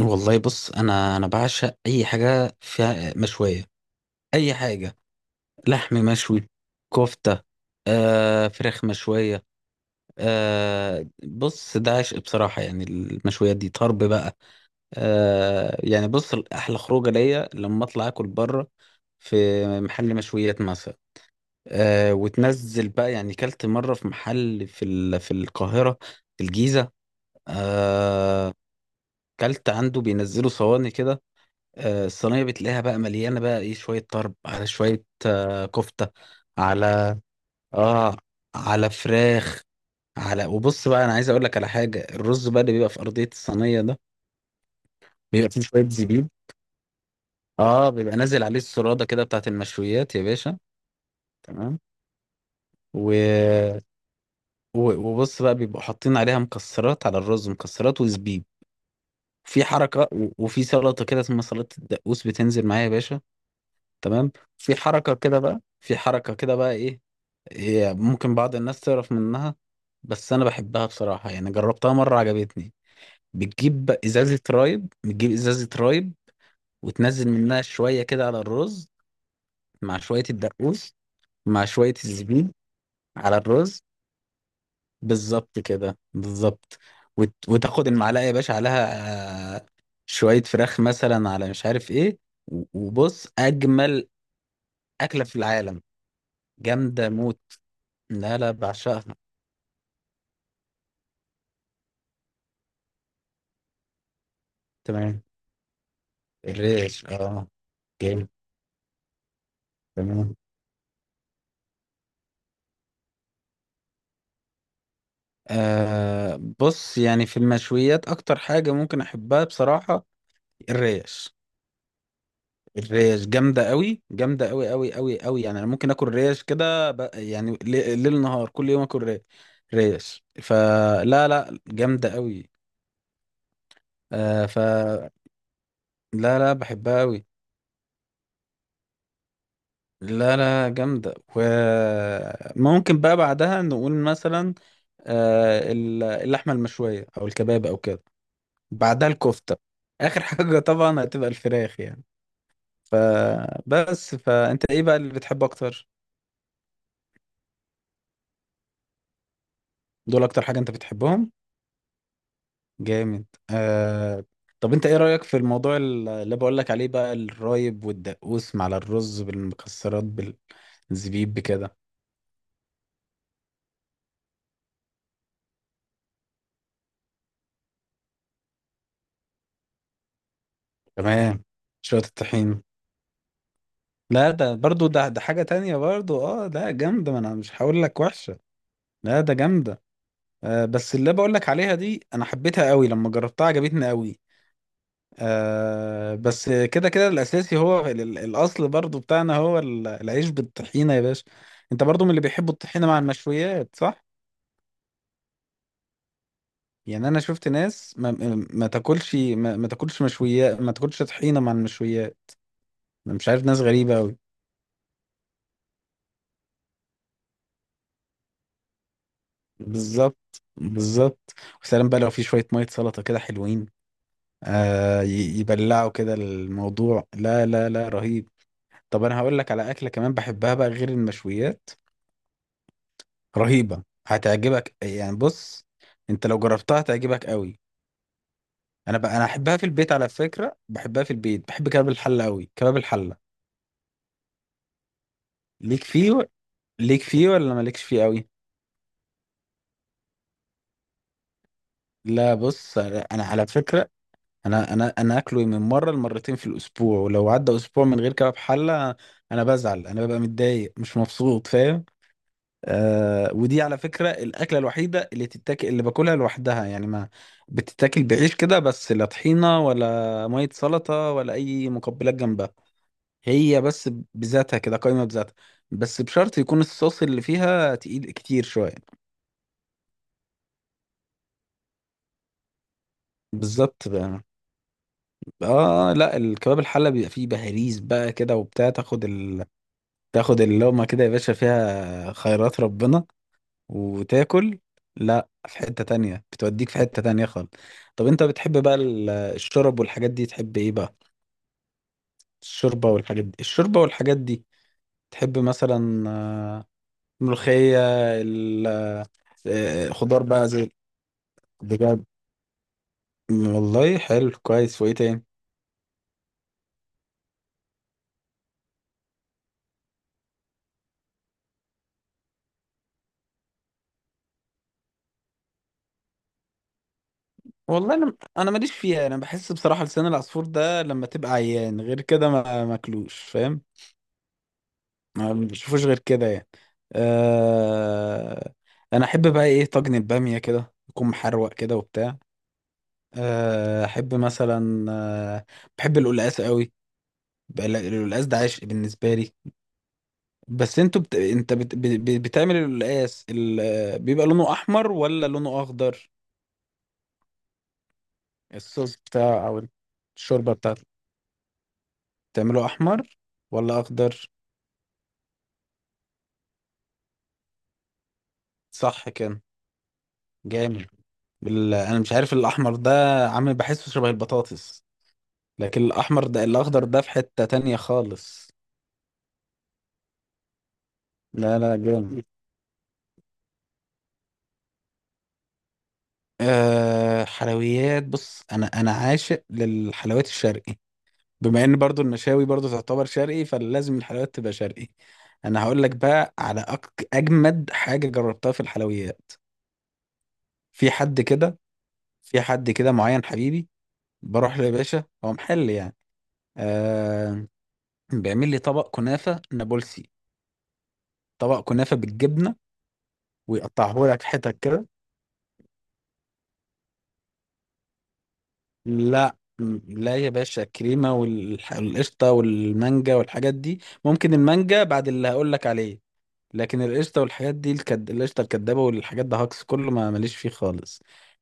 والله بص انا بعشق اي حاجه فيها مشويه. اي حاجه. لحم مشوي، كفته، فراخ مشويه. بص ده عشق بصراحه، يعني المشويات دي طرب بقى. يعني بص احلى خروجه ليا لما اطلع اكل بره في محل مشويات مثلا. آه، وتنزل بقى، يعني كلت مره في محل في القاهره، في الجيزه. آه كلت عنده، بينزلوا صواني كده. الصينية بتلاقيها بقى مليانة بقى ايه، شوية طرب على شوية كفتة. على. اه. على فراخ. على. وبص بقى انا عايز اقول لك على حاجة، الرز بقى اللي بيبقى في ارضية الصينية ده، بيبقى فيه شوية زبيب. اه بيبقى نازل عليه السرادة كده بتاعت المشويات يا باشا. تمام. و... وبص بقى بيبقوا حاطين عليها مكسرات على الرز، مكسرات وزبيب، في حركة. وفي سلطة كده اسمها سلطة الدقوس، بتنزل معايا يا باشا. تمام. في حركة كده بقى، في حركة كده بقى ايه، هي ممكن بعض الناس تعرف منها، بس انا بحبها بصراحة، يعني جربتها مرة عجبتني. بتجيب ازازة رايب، بتجيب ازازة رايب، وتنزل منها شوية كده على الرز، مع شوية الدقوس، مع شوية الزبيب، على الرز، بالظبط كده، بالظبط. وتاخد المعلقة يا باشا عليها، شوية فراخ مثلا، على مش عارف ايه. وبص اجمل اكلة في العالم، جامدة موت. لا لا، بعشقها. تمام. الريش، اه، جامد. تمام. آه بص، يعني في المشويات اكتر حاجة ممكن احبها بصراحة الريش. الريش جامدة قوي، جامدة قوي قوي قوي قوي. يعني انا ممكن اكل ريش كده، يعني ليل نهار كل يوم اكل ريش. ريش، فلا لا جامدة قوي. فلا. لا لا، بحبها قوي. لا لا، جامدة. وممكن بقى بعدها نقول مثلا اللحمة المشوية او الكباب او كده، بعدها الكفتة، آخر حاجة طبعا هتبقى الفراخ يعني. فبس، فأنت إيه بقى اللي بتحبه أكتر؟ دول أكتر حاجة أنت بتحبهم؟ جامد طب أنت إيه رأيك في الموضوع اللي بقول لك عليه بقى، الرايب والدقوس مع الرز بالمكسرات بالزبيب بكده؟ تمام. شوية الطحين. لا ده برضو، ده حاجة تانية برضو، اه ده جامدة، ما انا مش هقول لك وحشة. لا ده جامدة. آه بس اللي بقول لك عليها دي انا حبيتها قوي، لما جربتها عجبتني قوي. آه بس كده كده الاساسي هو الاصل برضو بتاعنا هو العيش بالطحينه يا باشا. انت برضو من اللي بيحبوا الطحينه مع المشويات صح؟ يعني انا شفت ناس ما تاكلش ما تاكلش مشويات، ما تاكلش طحينه مع المشويات. انا مش عارف، ناس غريبه قوي. بالظبط بالظبط. وسلام بقى لو في شويه ميه سلطه كده حلوين، آه يبلعوا كده الموضوع. لا لا لا، رهيب. طب انا هقول لك على اكله كمان بحبها بقى غير المشويات، رهيبة هتعجبك. يعني بص، انت لو جربتها هتعجبك قوي. انا بقى، انا احبها في البيت على فكرة، بحبها في البيت، بحب كباب الحلة قوي، كباب الحلة ليك فيه ليك فيه ولا مالكش فيه قوي؟ لا بص، انا على فكرة انا اكله من مرة لمرتين في الاسبوع، ولو عدى اسبوع من غير كباب حلة انا بزعل، انا ببقى متضايق مش مبسوط فاهم. آه ودي على فكرة الأكلة الوحيدة اللي تتاكل، اللي باكلها لوحدها، يعني ما بتتاكل بعيش كده بس، لا طحينة ولا مية سلطة ولا أي مقبلات جنبها. هي بس بذاتها كده، قايمة بذاتها، بس بشرط يكون الصوص اللي فيها تقيل كتير شوية. بالظبط بقى. اه لا الكباب الحلة بيبقى فيه بهاريز بقى كده وبتاع، تاخد اللقمة كده يا باشا، فيها خيرات ربنا، وتاكل، لا في حتة تانية، بتوديك في حتة تانية خالص. طب انت بتحب بقى الشرب والحاجات دي، تحب ايه بقى؟ الشوربة والحاجات دي، الشوربة والحاجات دي، تحب مثلا ملوخية، ال- خضار بقى زي، بجد؟ والله حلو، كويس. وايه تاني؟ والله انا ماليش فيها، انا بحس بصراحة لسان العصفور ده لما تبقى عيان غير كده ما ماكلوش فاهم، ما بشوفوش غير كده يعني. أه انا احب بقى ايه، طاجن الباميه كده يكون محروق كده وبتاع. احب مثلا، بحب القلقاس قوي بقى. القلقاس ده عشق بالنسبه لي. بس انت بتعمل القلقاس، بيبقى لونه احمر ولا لونه اخضر؟ الصوص بتاع، او الشوربه بتاعته، بتعمله احمر ولا اخضر؟ صح كده. جامد. انا مش عارف، الاحمر ده عامل بحسه شبه البطاطس، لكن الأحمر ده، الأخضر ده في حتة تانية خالص. لا لا، جامد. أه حلويات بص، أنا عاشق للحلويات الشرقي، بما إن برضو المشاوي برضو تعتبر شرقي، فلازم الحلويات تبقى شرقي. أنا هقول لك بقى على أجمد حاجة جربتها في الحلويات. في حد كده، في حد كده معين حبيبي، بروح له يا باشا، هو محل يعني، أه بيعمل لي طبق كنافة نابلسي، طبق كنافة بالجبنة، ويقطعه لك حتت كده. لا يا باشا، الكريمة والقشطة والمانجا والحاجات دي، ممكن المانجا بعد اللي هقول لك عليه، لكن القشطة والحاجات دي، القشطة الكدابة والحاجات ده هاكس كله، ما ماليش فيه خالص.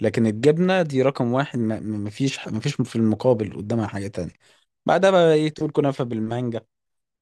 لكن الجبنة دي رقم واحد، مفيش في المقابل قدامها حاجة تانية. بعدها بقى ايه، تقول كنافة بالمانجا،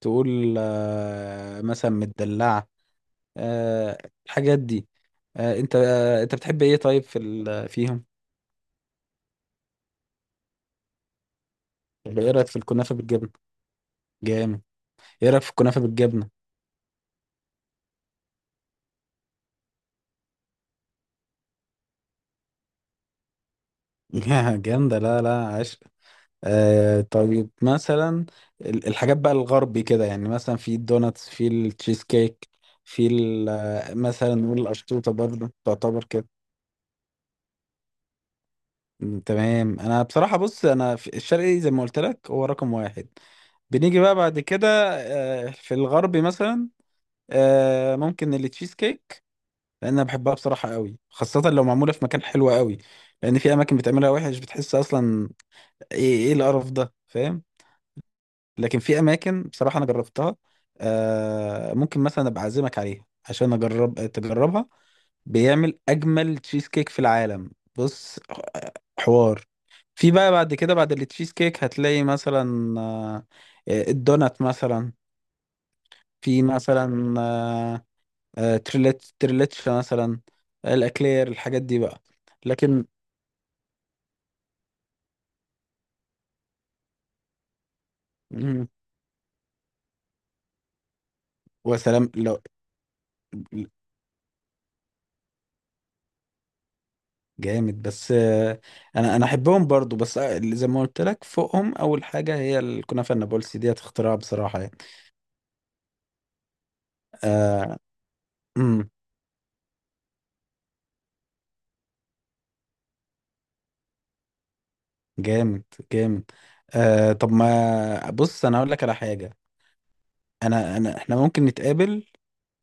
تقول مثلا مدلعة، آه، الحاجات دي. انت انت بتحب ايه طيب في ال... فيهم؟ طب ايه رأيك في الكنافة بالجبنة؟ جامد. ايه رايك في الكنافه بالجبنه؟ جامده. لا لا، عشق. آه طيب مثلا الحاجات بقى الغربي كده، يعني مثلا في الدوناتس، في التشيز كيك، في مثلا نقول القشطوطه برضه تعتبر كده. تمام. انا بصراحه بص، انا في الشرقي زي ما قلت لك هو رقم واحد. بنيجي بقى بعد كده، آه في الغربي مثلا، ممكن التشيز كيك، لان انا بحبها بصراحه قوي، خاصه لو معموله في مكان حلو قوي. لان في اماكن بتعملها وحش، بتحس اصلا ايه، ايه القرف ده فاهم. لكن في اماكن بصراحه انا جربتها، ممكن مثلا ابقى اعزمك عليها عشان اجرب تجربها، بيعمل اجمل تشيز كيك في العالم. بص، آه، حوار. في بقى بعد كده بعد التشيز كيك هتلاقي مثلا الدونات مثلا، في مثلا تريليتش مثلا، الاكلير، الحاجات دي بقى، لكن مم، وسلام لو، جامد. بس انا احبهم برضو، بس اللي زي ما قلت لك فوقهم اول حاجه هي الكنافه النابلسي ديت، اختراع بصراحه يعني. آه امم جامد جامد. طب ما بص انا اقول لك على حاجه، انا انا احنا ممكن نتقابل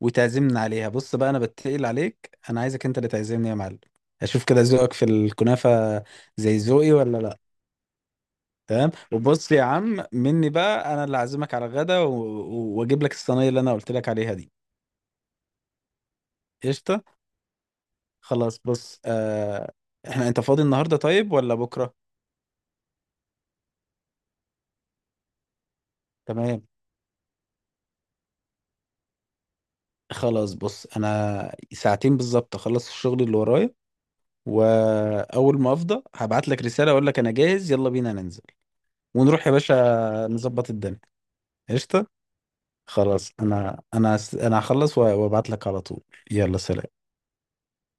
وتعزمنا عليها. بص بقى انا بتقل عليك، انا عايزك انت اللي تعزمني يا معلم، اشوف كده ذوقك في الكنافه زي ذوقي ولا لا. تمام. وبص يا عم مني بقى انا اللي اعزمك على غدا، واجيب لك الصينيه اللي انا قلت لك عليها دي. قشطه. خلاص بص آه، احنا انت فاضي النهارده طيب ولا بكره؟ تمام. خلاص بص، انا ساعتين بالظبط اخلص الشغل اللي ورايا، واول ما افضى هبعت لك رساله، اقول لك انا جاهز، يلا بينا ننزل ونروح يا باشا نظبط الدنيا. قشطه. خلاص، انا هخلص وابعت لك على طول. يلا سلام.